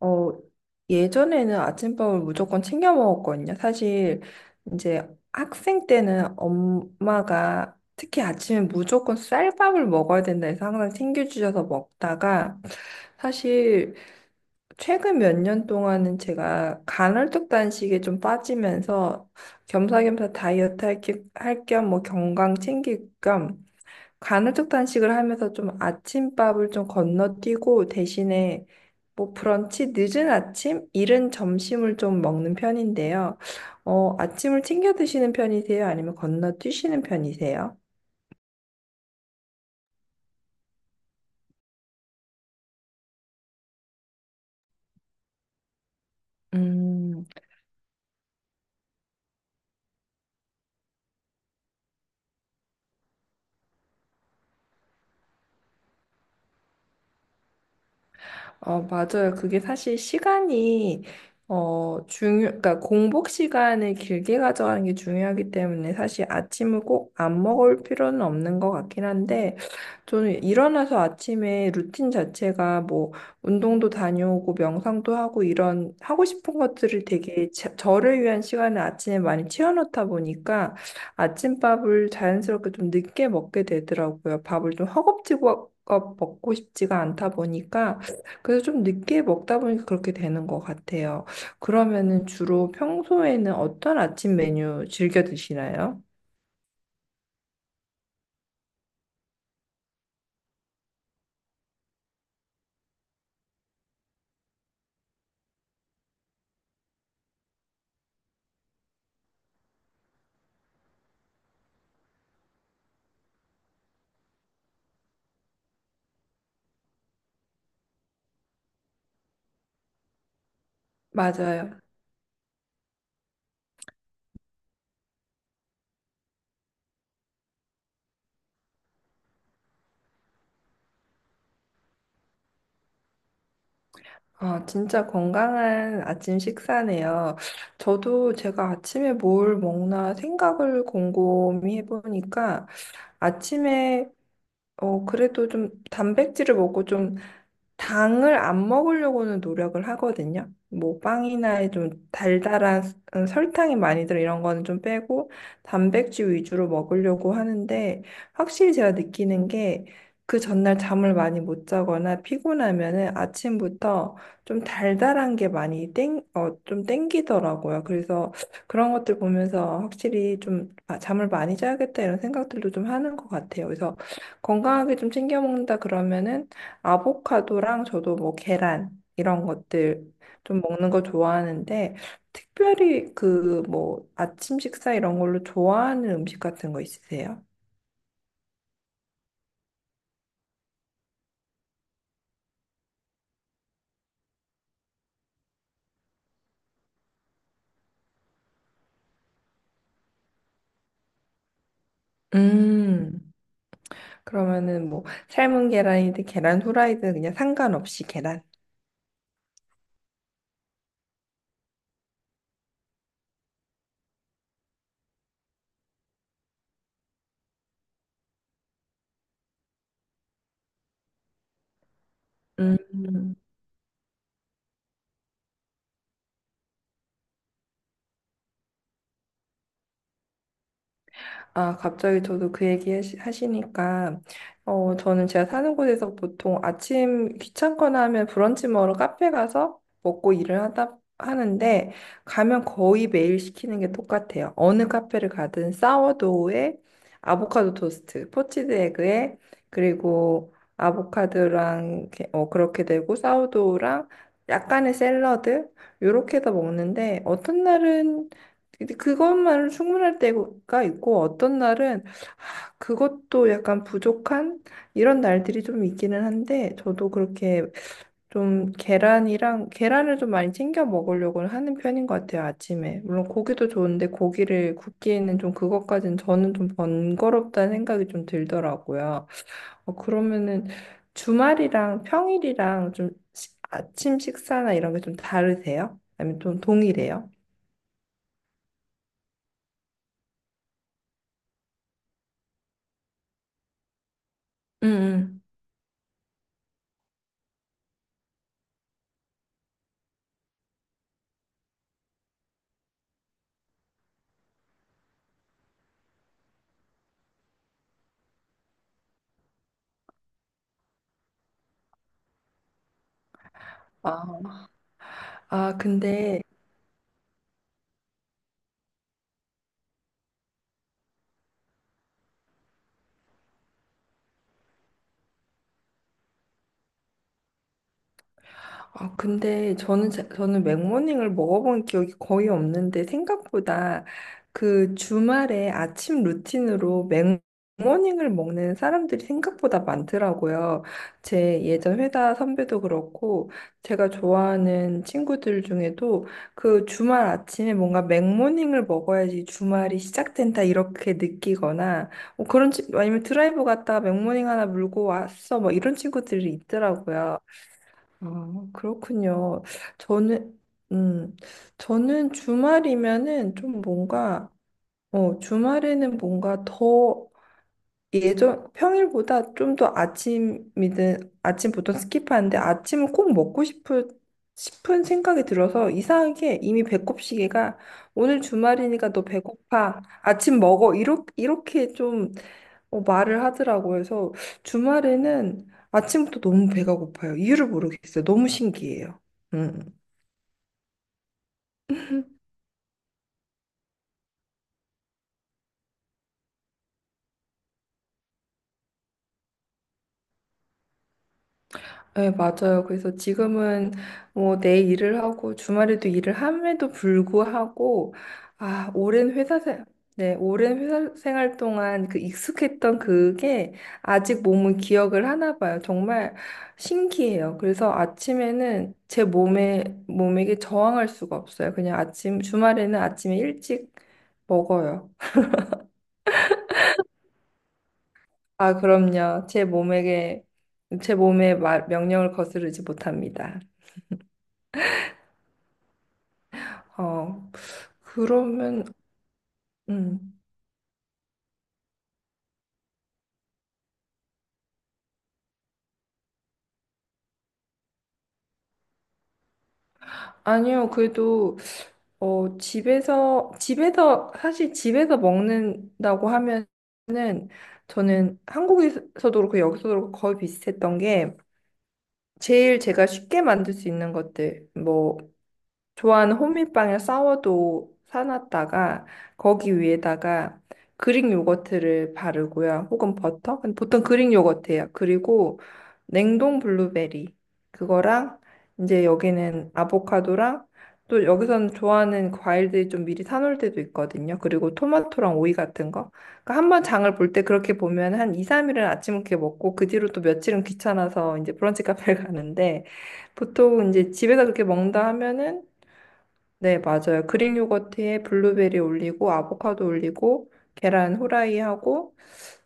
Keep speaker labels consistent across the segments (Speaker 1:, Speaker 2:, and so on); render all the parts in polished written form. Speaker 1: 어, 예전에는 아침밥을 무조건 챙겨 먹었거든요. 사실 이제 학생 때는 엄마가 특히 아침에 무조건 쌀밥을 먹어야 된다 해서 항상 챙겨주셔서 먹다가 사실 최근 몇 년 동안은 제가 간헐적 단식에 좀 빠지면서 겸사겸사 다이어트 할 겸 뭐 건강 챙길 겸 간헐적 단식을 하면서 좀 아침밥을 좀 건너뛰고 대신에 뭐 브런치 늦은 아침, 이른 점심을 좀 먹는 편인데요. 아침을 챙겨 드시는 편이세요? 아니면 건너뛰시는 편이세요? 음. 맞아요. 그게 사실 시간이, 중요, 그러니까 공복 시간을 길게 가져가는 게 중요하기 때문에 사실 아침을 꼭 안 먹을 필요는 없는 것 같긴 한데, 저는 일어나서 아침에 루틴 자체가 뭐, 운동도 다녀오고, 명상도 하고, 이런 하고 싶은 것들을 되게 저를 위한 시간을 아침에 많이 채워놓다 보니까 아침밥을 자연스럽게 좀 늦게 먹게 되더라고요. 밥을 좀 허겁지겁 먹고 싶지가 않다 보니까, 그래서 좀 늦게 먹다 보니까 그렇게 되는 것 같아요. 그러면은 주로 평소에는 어떤 아침 메뉴 즐겨 드시나요? 맞아요. 아, 진짜 건강한 아침 식사네요. 저도 제가 아침에 뭘 먹나 생각을 곰곰이 해보니까 아침에 그래도 좀 단백질을 먹고 좀 당을 안 먹으려고는 노력을 하거든요. 뭐 빵이나 좀 달달한 설탕이 많이 들어 이런 거는 좀 빼고 단백질 위주로 먹으려고 하는데 확실히 제가 느끼는 게 그 전날 잠을 많이 못 자거나 피곤하면은 아침부터 좀 달달한 게 많이 좀 땡기더라고요. 그래서 그런 것들 보면서 확실히 좀 아, 잠을 많이 자야겠다 이런 생각들도 좀 하는 것 같아요. 그래서 건강하게 좀 챙겨 먹는다 그러면은 아보카도랑 저도 뭐 계란 이런 것들 좀 먹는 거 좋아하는데 특별히 그 뭐 아침 식사 이런 걸로 좋아하는 음식 같은 거 있으세요? 음. 그러면은 뭐 삶은 계란이든 계란 후라이든 그냥 상관없이 계란. 음. 아, 갑자기 저도 그 얘기 하시니까, 저는 제가 사는 곳에서 보통 아침 귀찮거나 하면 브런치 먹으러 카페 가서 먹고 일을 하다 하는데, 가면 거의 매일 시키는 게 똑같아요. 어느 카페를 가든 사워도우에 아보카도 토스트, 포치드 에그에, 그리고 아보카도랑, 그렇게 되고, 사워도우랑 약간의 샐러드, 요렇게 해서 먹는데, 어떤 날은 근데 그것만으로 충분할 때가 있고 어떤 날은 그것도 약간 부족한 이런 날들이 좀 있기는 한데 저도 그렇게 좀 계란이랑 계란을 좀 많이 챙겨 먹으려고 하는 편인 것 같아요 아침에. 물론 고기도 좋은데 고기를 굽기에는 좀 그것까지는 저는 좀 번거롭다는 생각이 좀 들더라고요. 그러면은 주말이랑 평일이랑 좀 아침 식사나 이런 게 좀 다르세요? 아니면 좀 동일해요? 음, 음. 아, 아, 근데, 근데 저는, 저는 맥모닝을 먹어본 기억이 거의 없는데, 생각보다 그 주말에 아침 루틴으로 맥모닝을 먹는 사람들이 생각보다 많더라고요. 제 예전 회사 선배도 그렇고, 제가 좋아하는 친구들 중에도 그 주말 아침에 뭔가 맥모닝을 먹어야지 주말이 시작된다 이렇게 느끼거나, 뭐 그런, 아니면 드라이브 갔다가 맥모닝 하나 물고 왔어, 뭐 이런 친구들이 있더라고요. 아, 그렇군요. 저는, 음, 저는 주말이면은 좀 뭔가, 주말에는 뭔가 더 예전, 평일보다 좀 더 아침이든, 아침 보통 스킵하는데 아침을 꼭 먹고 싶은 생각이 들어서 이상하게 이미 배꼽 시계가 오늘 주말이니까 너 배고파. 아침 먹어. 이렇게 좀 말을 하더라고. 그래서 주말에는 아침부터 너무 배가 고파요. 이유를 모르겠어요. 너무 신기해요. 음. 네, 맞아요. 그래서 지금은 뭐 내 일을 하고 주말에도 일을 함에도 불구하고 아, 오랜 회사 생 네, 오랜 회사 생활 동안 그 익숙했던 그게 아직 몸은 기억을 하나 봐요. 정말 신기해요. 그래서 아침에는 제 몸에게 저항할 수가 없어요. 그냥 아침 주말에는 아침에 일찍 먹어요. 아, 그럼요. 제 몸에게 명령을 거스르지 못합니다. 아, 그러면, 음. 아니요, 그래도, 집에서, 사실 집에서 먹는다고 하면은, 저는 한국에서도 그렇고 여기서도 그렇고 거의 비슷했던 게, 제일 제가 쉽게 만들 수 있는 것들, 뭐, 좋아하는 호밀빵을 사워도 사놨다가 거기 위에다가 그릭 요거트를 바르고요. 혹은 버터? 근데 보통 그릭 요거트예요. 그리고 냉동 블루베리 그거랑 이제 여기는 아보카도랑 또 여기서는 좋아하는 그 과일들이 좀 미리 사놓을 때도 있거든요. 그리고 토마토랑 오이 같은 거. 그러니까 한 번 장을 볼 때 그렇게 보면 한 2, 3일은 아침 이렇게 먹고 그 뒤로 또 며칠은 귀찮아서 이제 브런치 카페를 가는데 보통 이제 집에서 그렇게 먹는다 하면은, 네, 맞아요. 그릭 요거트에 블루베리 올리고 아보카도 올리고 계란 후라이 하고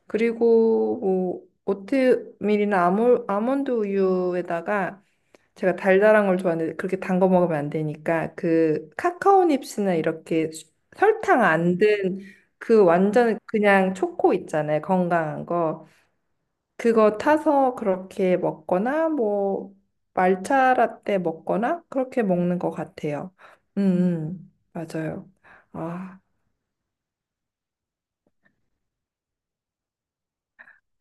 Speaker 1: 그리고 뭐 오트밀이나 아몬드 우유에다가 제가 달달한 걸 좋아하는데 그렇게 단 거 먹으면 안 되니까 그 카카오 닙스나 이렇게 설탕 안 든 그 완전 그냥 초코 있잖아요. 건강한 거. 그거 타서 그렇게 먹거나 뭐 말차 라떼 먹거나 그렇게 먹는 것 같아요. 음, 맞아요. 아,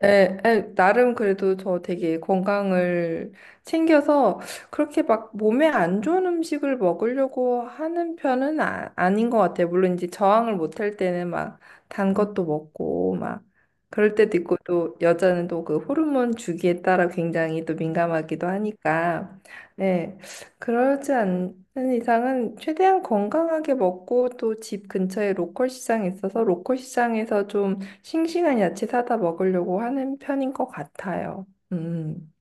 Speaker 1: 에, 에, 나름 그래도 저 되게 건강을 챙겨서 그렇게 막 몸에 안 좋은 음식을 먹으려고 하는 편은 아닌 것 같아요. 물론 이제 저항을 못 할 때는 막 단 것도 먹고 막 그럴 때도 있고 또 여자는 또 그 호르몬 주기에 따라 굉장히 또 민감하기도 하니까 네, 그러지 않는 이상은 최대한 건강하게 먹고 또 집 근처에 로컬 시장이 있어서 로컬 시장에서 좀 싱싱한 야채 사다 먹으려고 하는 편인 것 같아요. 음,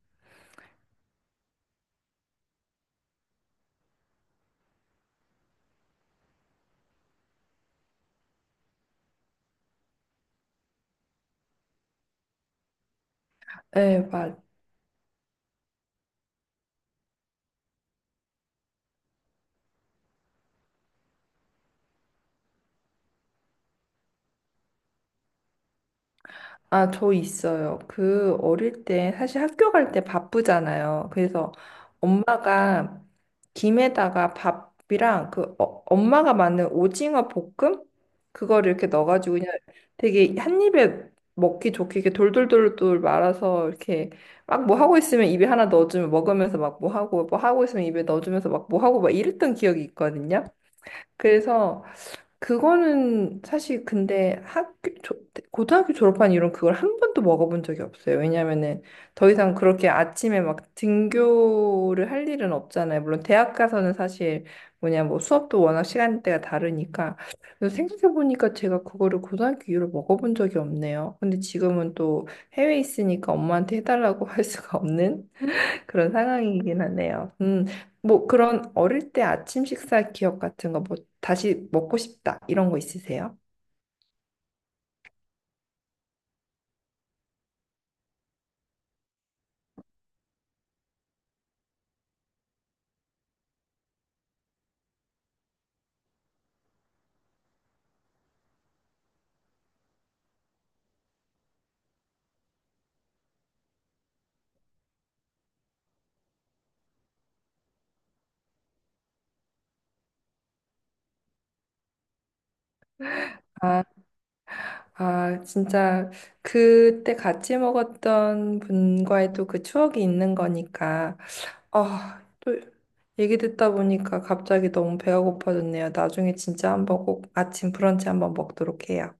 Speaker 1: 네, 맞. 아, 저 있어요. 그 어릴 때 사실 학교 갈 때 바쁘잖아요. 그래서 엄마가 김에다가 밥이랑 그 엄마가 만든 오징어 볶음 그거를 이렇게 넣어가지고 그냥 되게 한 입에 먹기 좋게 이렇게 돌돌돌돌 말아서 이렇게 막 뭐 하고 있으면 입에 하나 넣어주면 먹으면서 막 뭐 하고 뭐 하고 있으면 입에 넣어주면서 막 뭐 하고 막 이랬던 기억이 있거든요. 그래서 그거는 사실 근데 학교 고등학교 졸업한 이후로 그걸 한 번도 먹어본 적이 없어요. 왜냐면은 더 이상 그렇게 아침에 막 등교를 할 일은 없잖아요. 물론 대학 가서는 사실 뭐냐 뭐 수업도 워낙 시간대가 다르니까. 그래서 생각해보니까 제가 그거를 고등학교 이후로 먹어본 적이 없네요. 근데 지금은 또 해외에 있으니까 엄마한테 해달라고 할 수가 없는 그런 상황이긴 하네요. 뭐 그런 어릴 때 아침 식사 기억 같은 거 뭐 다시 먹고 싶다 이런 거 있으세요? 아, 아, 진짜 그때 같이 먹었던 분과의 또 그 추억이 있는 거니까 아, 또 얘기 듣다 보니까 갑자기 너무 배가 고파졌네요. 나중에 진짜 한번 꼭 아침 브런치 한번 먹도록 해요.